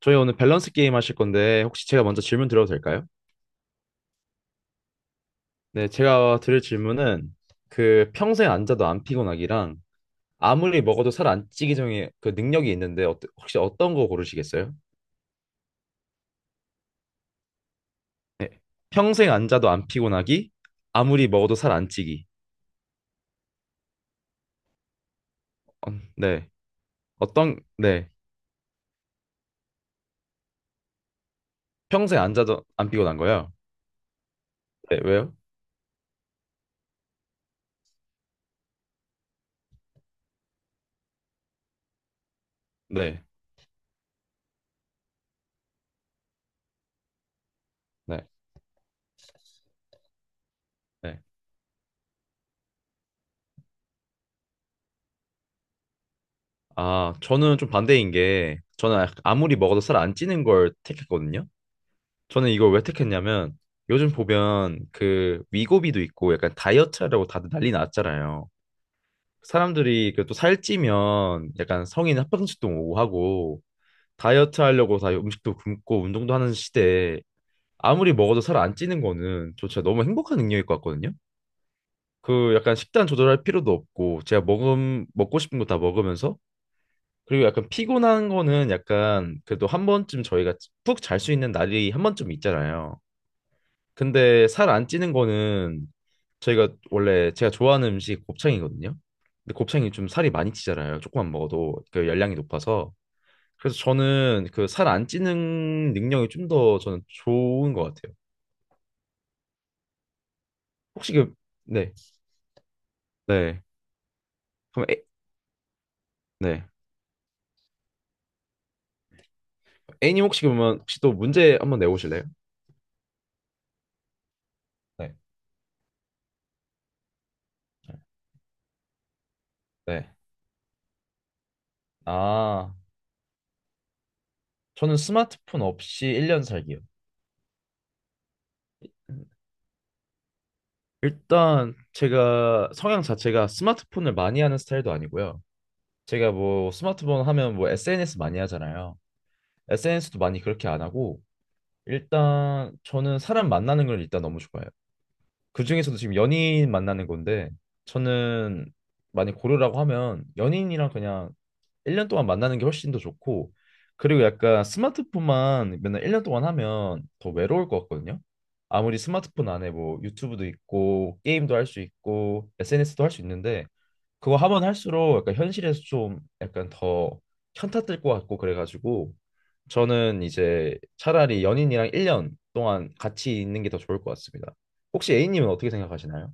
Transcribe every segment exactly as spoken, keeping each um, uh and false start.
저희 오늘 밸런스 게임 하실 건데 혹시 제가 먼저 질문 드려도 될까요? 네, 제가 드릴 질문은 그 평생 앉아도 안 피곤하기랑 아무리 먹어도 살 안 찌기 전에 그 능력이 있는데 어 혹시 어떤 거 고르시겠어요? 네. 평생 앉아도 안 피곤하기, 아무리 먹어도 살 안 찌기. 어, 네. 어떤 네. 평생 앉아도 안 피곤한 거요? 네, 왜요? 네. 네. 네. 아, 저는 좀 반대인 게 저는 아무리 먹어도 살 안 찌는 걸 택했거든요. 저는 이걸 왜 택했냐면 요즘 보면 그 위고비도 있고 약간 다이어트 하려고 다들 난리 났잖아요. 사람들이 그또 살찌면 약간 성인 합병증도 오고 하고 다이어트 하려고 다 음식도 굶고 운동도 하는 시대에 아무리 먹어도 살 안 찌는 거는 저 진짜 너무 행복한 능력일 것 같거든요. 그 약간 식단 조절할 필요도 없고 제가 먹음 먹고 싶은 거 다 먹으면서 그리고 약간 피곤한 거는 약간 그래도 한 번쯤 저희가 푹 잘 수 있는 날이 한 번쯤 있잖아요. 근데 살 안 찌는 거는 저희가 원래 제가 좋아하는 음식 곱창이거든요. 근데 곱창이 좀 살이 많이 찌잖아요. 조금만 먹어도 그 열량이 높아서. 그래서 저는 그 살 안 찌는 능력이 좀 더 저는 좋은 것 같아요. 혹시 그 네. 네, 그럼 에, 네, A님 혹시 그러면 혹시 또 문제 한번 내보실래요? 네, 네. 아, 저는 스마트폰 없이 일 년 살기요. 일단 제가 성향 자체가 스마트폰을 많이 하는 스타일도 아니고요. 제가 뭐 스마트폰 하면 뭐 에스엔에스 많이 하잖아요. 에스엔에스도 많이 그렇게 안 하고 일단 저는 사람 만나는 걸 일단 너무 좋아해요. 그중에서도 지금 연인 만나는 건데 저는 많이 고르라고 하면 연인이랑 그냥 일 년 동안 만나는 게 훨씬 더 좋고 그리고 약간 스마트폰만 맨날 일 년 동안 하면 더 외로울 것 같거든요. 아무리 스마트폰 안에 뭐 유튜브도 있고 게임도 할 수 있고 에스엔에스도 할 수 있는데 그거 하면 할수록 약간 현실에서 좀 약간 더 현타 뜰 것 같고 그래가지고 저는 이제 차라리 연인이랑 일 년 동안 같이 있는 게 더 좋을 것 같습니다. 혹시 A님은 어떻게 생각하시나요?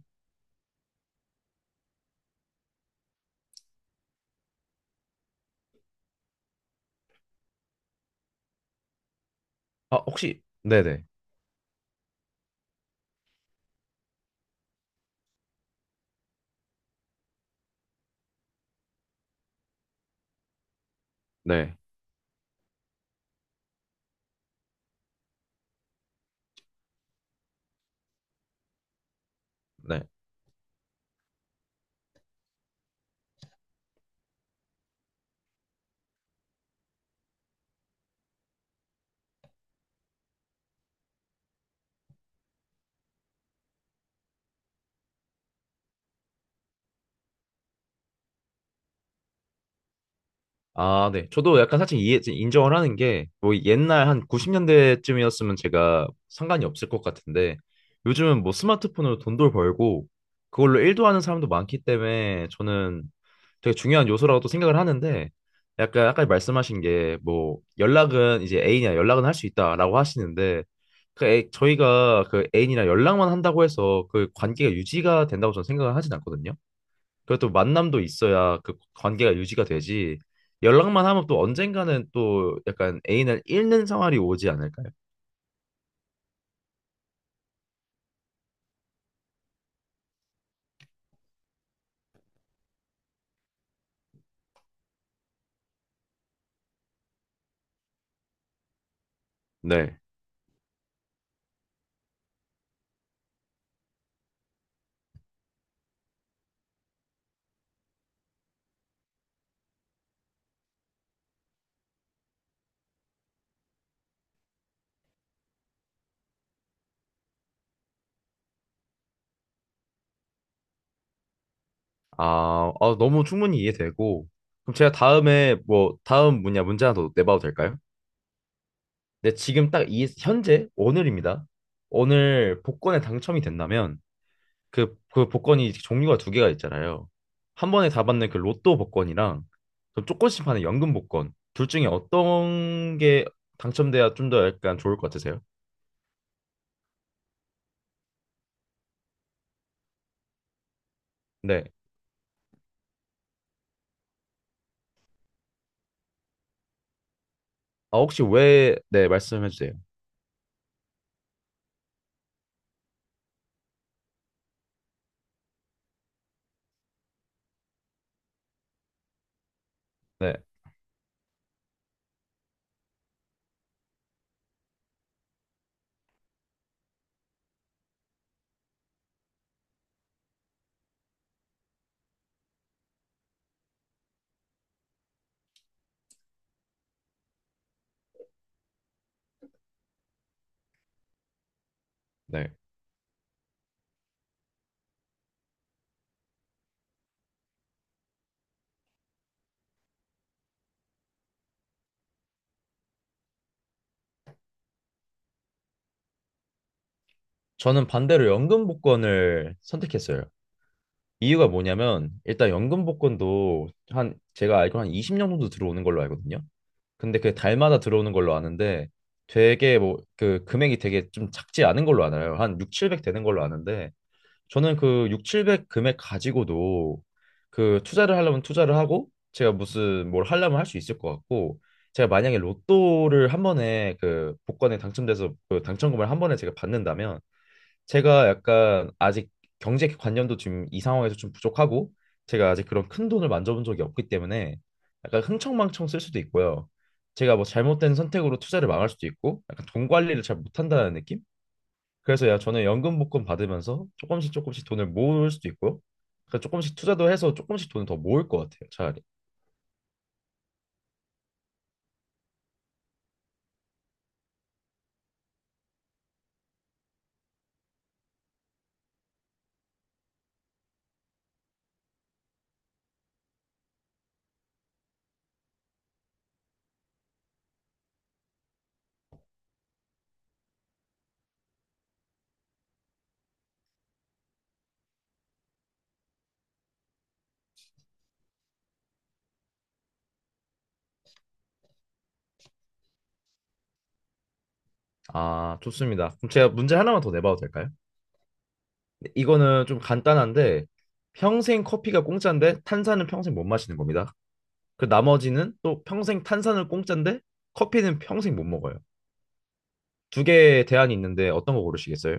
아, 혹시 네네. 네. 네. 아, 네. 저도 약간 사실 이해, 인정을 하는 게, 뭐 옛날 한 구십 년대쯤이었으면 제가 상관이 없을 것 같은데, 요즘은 뭐 스마트폰으로 돈도 벌고, 그걸로 일도 하는 사람도 많기 때문에, 저는 되게 중요한 요소라고 또 생각을 하는데, 약간 아까 말씀하신 게, 뭐, 연락은 이제 애인이랑 연락은 할 수 있다라고 하시는데, 그 애, 저희가 그 애인이랑 연락만 한다고 해서 그 관계가 유지가 된다고 저는 생각을 하진 않거든요. 그래도 만남도 있어야 그 관계가 유지가 되지. 연락만 하면 또 언젠가는 또 약간 애인을 잃는 생활이 오지 않을까요? 네. 아, 아, 너무 충분히 이해되고. 그럼 제가 다음에 뭐 다음 뭐냐 문제 하나 더 내봐도 될까요? 네, 지금 딱 이 현재 오늘입니다. 오늘 복권에 당첨이 된다면 그, 그 복권이 종류가 두 개가 있잖아요. 한 번에 다 받는 그 로또 복권이랑 좀 조금씩 파는 연금 복권. 둘 중에 어떤 게 당첨돼야 좀 더 약간 좋을 것 같으세요? 네. 아, 혹시 왜, 네, 말씀해 주세요. 네, 네. 저는 반대로 연금 복권을 선택했어요. 이유가 뭐냐면, 일단 연금 복권도 한, 제가 알기로 한 이십 년 정도 들어오는 걸로 알거든요. 근데 그게 달마다 들어오는 걸로 아는데 되게 뭐 그 금액이 되게 좀 작지 않은 걸로 알아요. 한 육, 칠백 되는 걸로 아는데 저는 그 육, 칠백 금액 가지고도 그 투자를 하려면 투자를 하고 제가 무슨 뭘 하려면 할 수 있을 것 같고 제가 만약에 로또를 한 번에 그 복권에 당첨돼서 그 당첨금을 한 번에 제가 받는다면 제가 약간 아직 경제 관념도 지금 이 상황에서 좀 부족하고 제가 아직 그런 큰 돈을 만져본 적이 없기 때문에 약간 흥청망청 쓸 수도 있고요. 제가 뭐 잘못된 선택으로 투자를 망할 수도 있고 약간 돈 관리를 잘 못한다는 느낌? 그래서 야 저는 연금 복권 받으면서 조금씩 조금씩 돈을 모을 수도 있고요. 그러니까 조금씩 투자도 해서 조금씩 돈을 더 모을 것 같아요, 차라리. 아, 좋습니다. 그럼 제가 문제 하나만 더 내봐도 될까요? 이거는 좀 간단한데 평생 커피가 공짜인데 탄산은 평생 못 마시는 겁니다. 그 나머지는 또 평생 탄산을 공짜인데 커피는 평생 못 먹어요. 두 개의 대안이 있는데 어떤 거 고르시겠어요?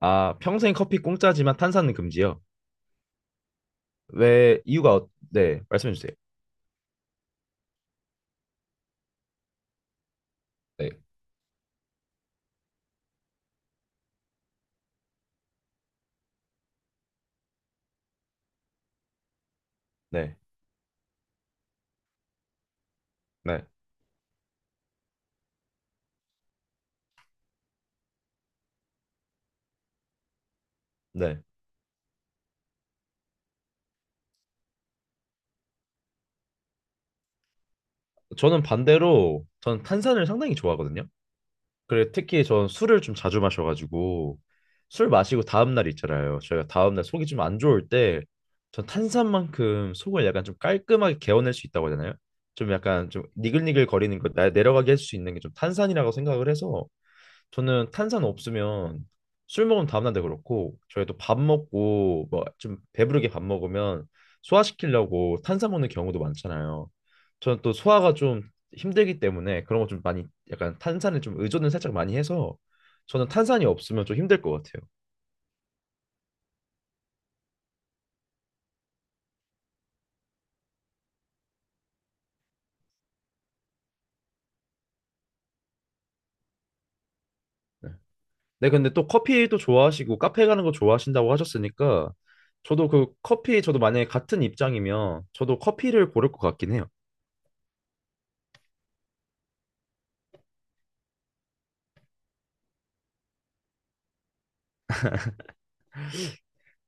아, 평생 커피 공짜지만 탄산은 금지요. 왜 이유가 어- 네, 말씀해 주세요. 네. 네. 네. 네. 저는 반대로 저는 탄산을 상당히 좋아하거든요. 그래 특히 전 술을 좀 자주 마셔가지고 술 마시고 다음 날 있잖아요. 저희가 다음 날 속이 좀 안 좋을 때 전 탄산만큼 속을 약간 좀 깔끔하게 개어낼 수 있다고 하잖아요. 좀 약간 좀 니글니글 거리는 거 나- 내려가게 할 수 있는 게 좀 탄산이라고 생각을 해서 저는 탄산 없으면 술 먹으면 다음날도 그렇고 저희도 밥 먹고 뭐 좀 배부르게 밥 먹으면 소화시키려고 탄산 먹는 경우도 많잖아요. 저는 또 소화가 좀 힘들기 때문에 그런 거 좀 많이 약간 탄산에 좀 의존을 살짝 많이 해서 저는 탄산이 없으면 좀 힘들 것 같아요. 네, 네, 근데 또 커피도 좋아하시고 카페 가는 거 좋아하신다고 하셨으니까 저도 그 커피 저도 만약에 같은 입장이면 저도 커피를 고를 것 같긴 해요.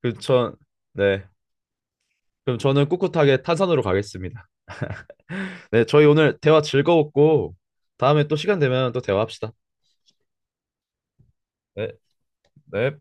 그전 네. 그럼 저는 꿋꿋하게 탄산으로 가겠습니다. 네, 저희 오늘 대화 즐거웠고 다음에 또 시간 되면 또 대화합시다. 네, 네.